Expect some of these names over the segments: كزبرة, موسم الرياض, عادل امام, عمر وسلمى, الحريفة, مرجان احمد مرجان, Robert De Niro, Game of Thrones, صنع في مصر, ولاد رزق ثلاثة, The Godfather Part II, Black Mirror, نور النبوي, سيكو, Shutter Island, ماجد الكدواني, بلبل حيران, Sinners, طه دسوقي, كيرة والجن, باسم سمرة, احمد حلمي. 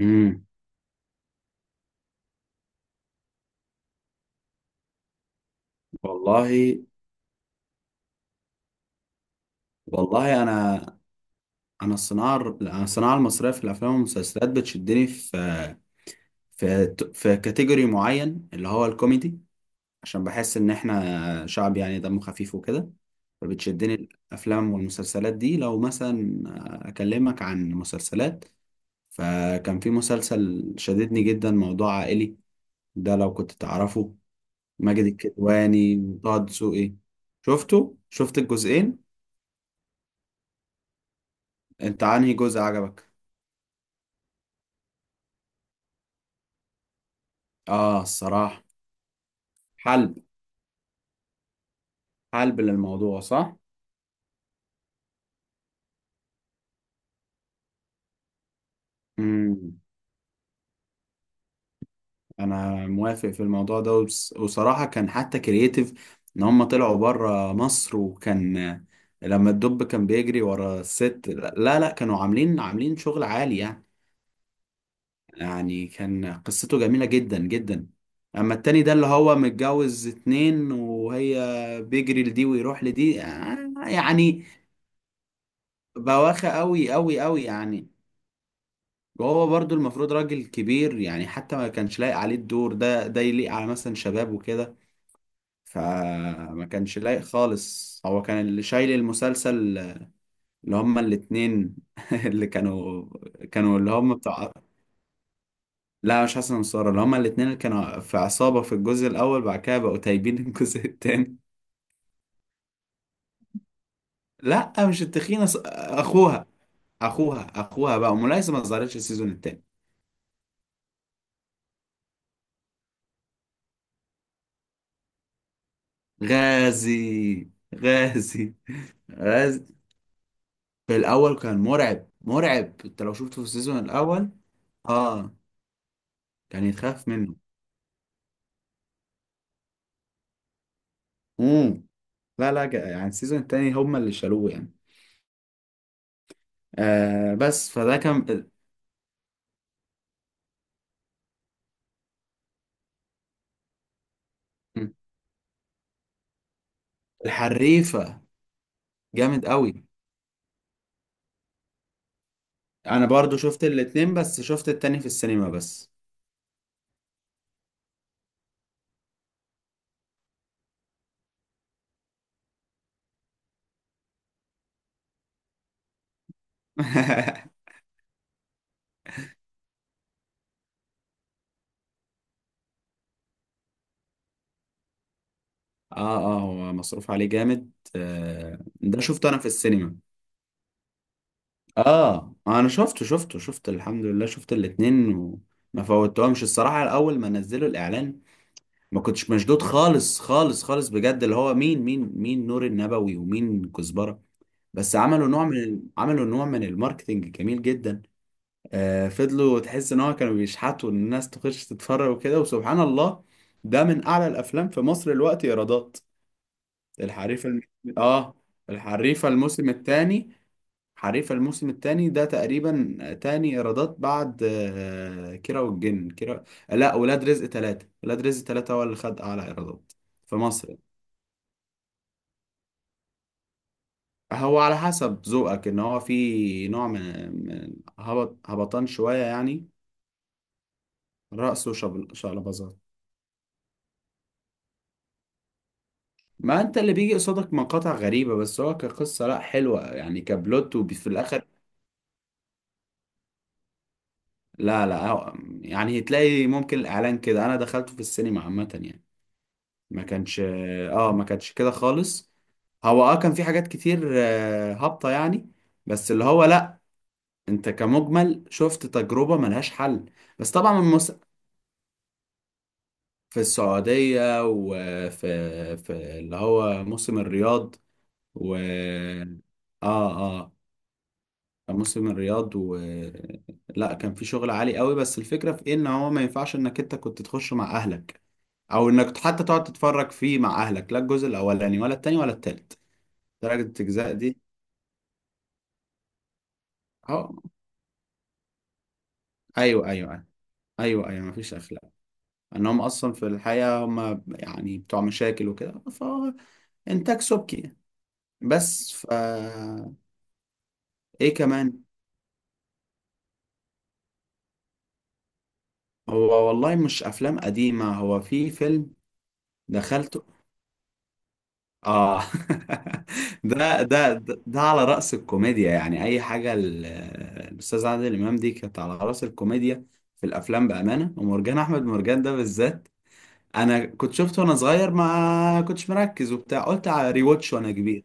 امم. والله والله انا الصناعه المصريه في الافلام والمسلسلات بتشدني في كاتيجوري معين اللي هو الكوميدي، عشان بحس ان احنا شعب يعني دمه خفيف وكده. فبتشدني الافلام والمسلسلات دي، لو مثلا اكلمك عن مسلسلات، فكان في مسلسل شددني جدا موضوع عائلي، ده لو كنت تعرفه. ماجد الكدواني، طه دسوقي. شفت الجزئين. انت عنهي جزء عجبك؟ اه، الصراحة. حلب حلب للموضوع، صح؟ امم انا موافق في الموضوع ده، وصراحة كان حتى كرييتيف ان هم طلعوا بره مصر، وكان لما الدب كان بيجري ورا الست. لا لا، كانوا عاملين شغل عالي يعني. يعني كان قصته جميلة جدا جدا. اما التاني ده اللي هو متجوز اتنين، وهي بيجري لدي ويروح لدي، يعني بواخة قوي قوي قوي يعني. وهو برضو المفروض راجل كبير يعني، حتى ما كانش لايق عليه الدور ده يليق على مثلا شباب وكده. فما كانش لايق خالص، هو كان اللي شايل المسلسل، اللي هما الاتنين اللي كانوا اللي هما بتاع. لا مش حسن وسارة، اللي هما الاتنين اللي كانوا في عصابة في الجزء الأول، بعد كده بقوا تايبين الجزء التاني. لا مش التخينة، أخوها بقى ملايسة ما ظهرتش السيزون التاني. غازي غازي. غاز. في الاول كان مرعب مرعب، انت لو شفته في السيزون الاول. اه، كان يتخاف منه. امم لا لا، يعني السيزون التاني هما اللي شالوه يعني. بس فده كان. الحريفة. جامد قوي. انا برضو شفت الاتنين، بس شفت التاني في السينما بس. اه اه، هو مصروف عليه جامد، ده شفته انا في السينما. اه، انا شفته شفته شفت الحمد لله، شفت الاتنين وما فوتهمش الصراحة. الاول ما نزلوا الاعلان ما كنتش مشدود خالص خالص خالص بجد، اللي هو مين نور النبوي ومين كزبرة. بس عملوا نوع من الماركتينج جميل جدا. فضلوا تحس ان هو كانوا بيشحتوا ان الناس تخش تتفرج وكده، وسبحان الله ده من اعلى الافلام في مصر الوقت ايرادات. الحريفة الم... اه، الحريفة الموسم الثاني. حريفة الموسم الثاني ده تقريبا تاني ايرادات بعد كيرة والجن، كيرة. لا، ولاد رزق ثلاثة هو اللي خد اعلى ايرادات في مصر. هو على حسب ذوقك، ان هو في نوع من من هبطان شوية يعني. رأسه شعلبازات. ما انت اللي بيجي قصادك مقاطع غريبة، بس هو كقصة لا، حلوة يعني، كبلوت وفي الاخر. لا لا، يعني هتلاقي ممكن الاعلان كده، انا دخلته في السينما عامة يعني. ما كانش اه ما كانش كده خالص. هو كان في حاجات كتير هابطة يعني، بس اللي هو لا، انت كمجمل شفت تجربة ملهاش حل. بس طبعا في السعودية، وفي اللي هو موسم الرياض، و. اه اه، كان موسم الرياض، و. لا، كان في شغل عالي قوي. بس الفكرة في ايه، ان هو ما ينفعش انك انت كنت تخش مع اهلك، او انك حتى تقعد تتفرج فيه مع اهلك، لا الجزء الاولاني ولا التاني ولا التالت، درجة التجزاء دي. اه، ايوه ايوه أيوه. ايوه ايوه، مفيش اخلاق. ان هم اصلا في الحياه هم يعني بتوع مشاكل وكده. فانتاج سبكي يعني. بس ف. ايه كمان؟ هو والله مش افلام قديمه، هو في فيلم دخلته. اه. ده على رأس الكوميديا يعني، اي حاجه الاستاذ عادل امام دي كانت على رأس الكوميديا في الافلام بامانه، ومرجان احمد مرجان ده بالذات. انا كنت شفته وانا صغير، ما كنتش مركز وبتاع، قلت على ريواتش وانا كبير.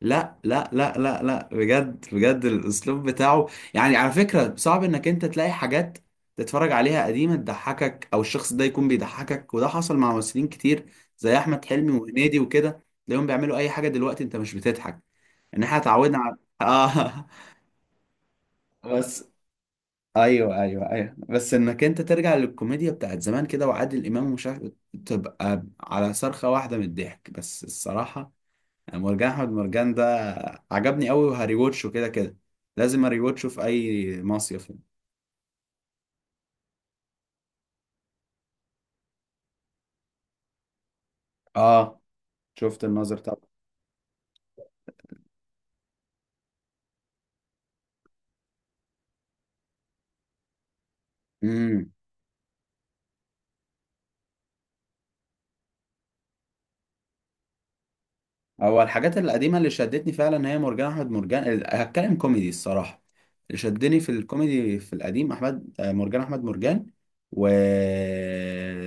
لا لا لا لا لا، بجد بجد الاسلوب بتاعه يعني، على فكرة صعب انك انت تلاقي حاجات تتفرج عليها قديمة تضحكك، او الشخص ده يكون بيضحكك. وده حصل مع ممثلين كتير زي احمد حلمي وهنيدي وكده، تلاقيهم بيعملوا اي حاجة دلوقتي انت مش بتضحك. ان احنا اتعودنا على. اه. بس ايوه ايوه ايوه، بس انك انت ترجع للكوميديا بتاعت زمان كده وعادل امام ومش عارف، تبقى على صرخة واحدة من الضحك. بس الصراحة مرجان احمد مرجان ده عجبني قوي، وهريوتشه كده كده، لازم اريوتشه في اي مصيف يعني. اه، شفت الناظر طبعا. امم هو الحاجات القديمه اللي شدتني فعلا هي مرجان احمد مرجان، هتكلم كوميدي الصراحه، اللي شدني في الكوميدي في القديم احمد آه، مرجان احمد مرجان. و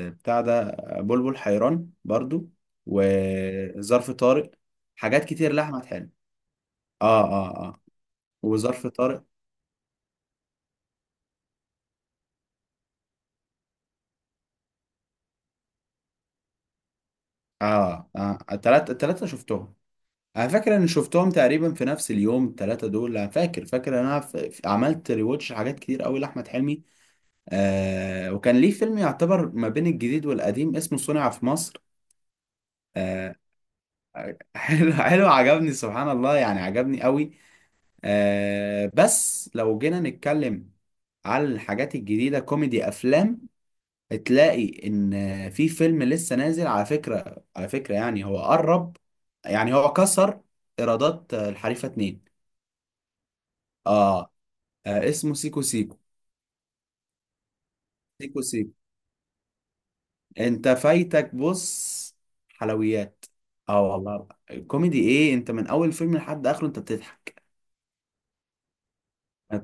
بتاع ده بلبل حيران برضو، وظرف طارق. حاجات كتير لاحمد حلمي. اه اه اه. وظرف طارق. اه اه، التلاتة شفتهم. على فكرة، أنا فاكر ان شفتهم تقريبا في نفس اليوم، التلاتة دول، أنا فاكر ان أنا عملت ريواتش حاجات كتير أوي لأحمد حلمي. وكان ليه فيلم يعتبر ما بين الجديد والقديم اسمه صنع في مصر. آه حلو حلو، عجبني سبحان الله يعني، عجبني أوي. بس لو جينا نتكلم على الحاجات الجديدة، كوميدي أفلام، تلاقي إن في فيلم لسه نازل. على فكرة يعني هو قرب، يعني هو كسر إيرادات الحريفة اتنين. اه. اسمه سيكو سيكو. سيكو سيكو. انت فايتك، بص. حلويات. اه والله، الكوميدي ايه، انت من اول فيلم لحد اخره انت بتضحك.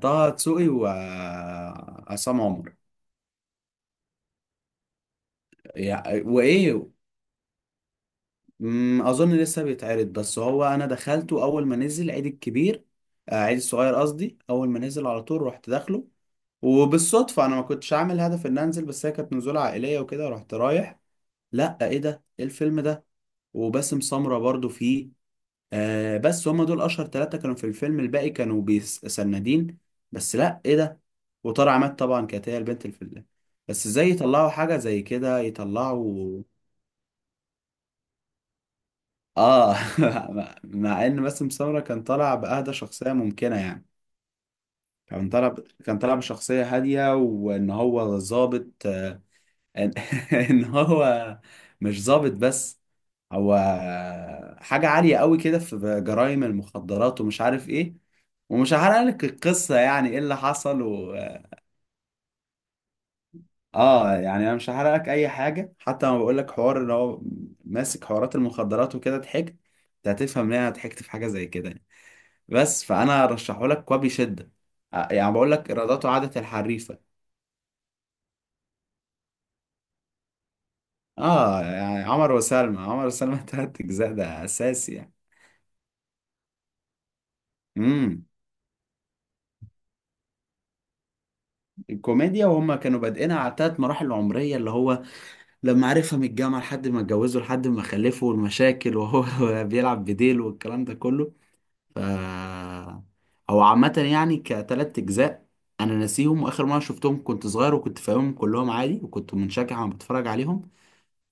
طه دسوقي وعصام عمر. يعني وايه. اظن لسه بيتعرض، بس هو انا دخلته اول ما نزل عيد الكبير. عيد الصغير قصدي، اول ما نزل على طول رحت داخله. وبالصدفة انا ما كنتش عامل هدف ان انزل، بس هي كانت نزولة عائلية وكده، رحت رايح. لا، ايه ده، ايه الفيلم ده. وباسم سمرة برضو فيه. بس هم دول اشهر ثلاثة كانوا في الفيلم، الباقي كانوا بيسندين. بس لا، ايه ده، وطار عماد طبعا كانت هي البنت بس ازاي يطلعوا حاجة زي كده، يطلعوا. اه، مع ان باسم سمرة كان طالع بأهدى شخصية ممكنة يعني. كان طالع ب... كان طالع بشخصية هادية، وان هو ظابط، آه، ان إن هو مش ظابط بس، هو حاجة عالية قوي كده في جرائم المخدرات ومش عارف ايه. ومش هحرق لك القصة، يعني ايه اللي حصل و. اه، يعني انا مش هحرق لك اي حاجة، حتى لما بقول لك حوار اللي هو ماسك حوارات المخدرات وكده ضحكت، انت هتفهم ليه انا ضحكت في حاجة زي كده يعني. بس فانا رشحه لك وبشدة. يعني بقول لك ايراداته عادت الحريفة. اه يعني، عمر وسلمى، عمر وسلمى تلات اجزاء ده اساسي يعني. امم الكوميديا وهم كانوا بادئينها على تلات مراحل عمرية، اللي هو لما عرفها من الجامعة لحد ما اتجوزه لحد ما خلفه والمشاكل، وهو بيلعب بديل والكلام ده كله. ف، هو عامة يعني كتلات أجزاء، أنا ناسيهم، وآخر مرة شفتهم كنت صغير وكنت فاهمهم كلهم عادي، وكنت منشجع وأنا بتفرج عليهم.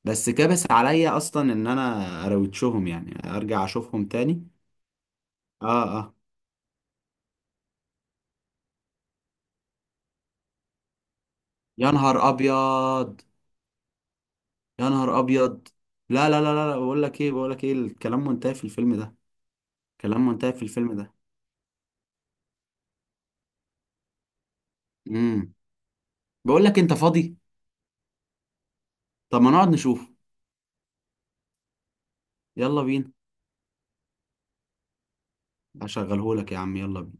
بس كبس عليا أصلا إن أنا أروتشهم، يعني أرجع أشوفهم تاني. آه آه. يا نهار أبيض. يا نهار أبيض. لا لا لا لا لا، بقول لك إيه، بقول لك إيه، الكلام منتهي في الفيلم ده. الكلام منتهي في الفيلم ده. امم بقول لك، أنت فاضي؟ طب ما نقعد نشوف. يلا بينا. هشغلهولك يا عم، يلا بينا.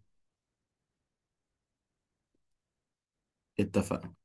اتفقنا.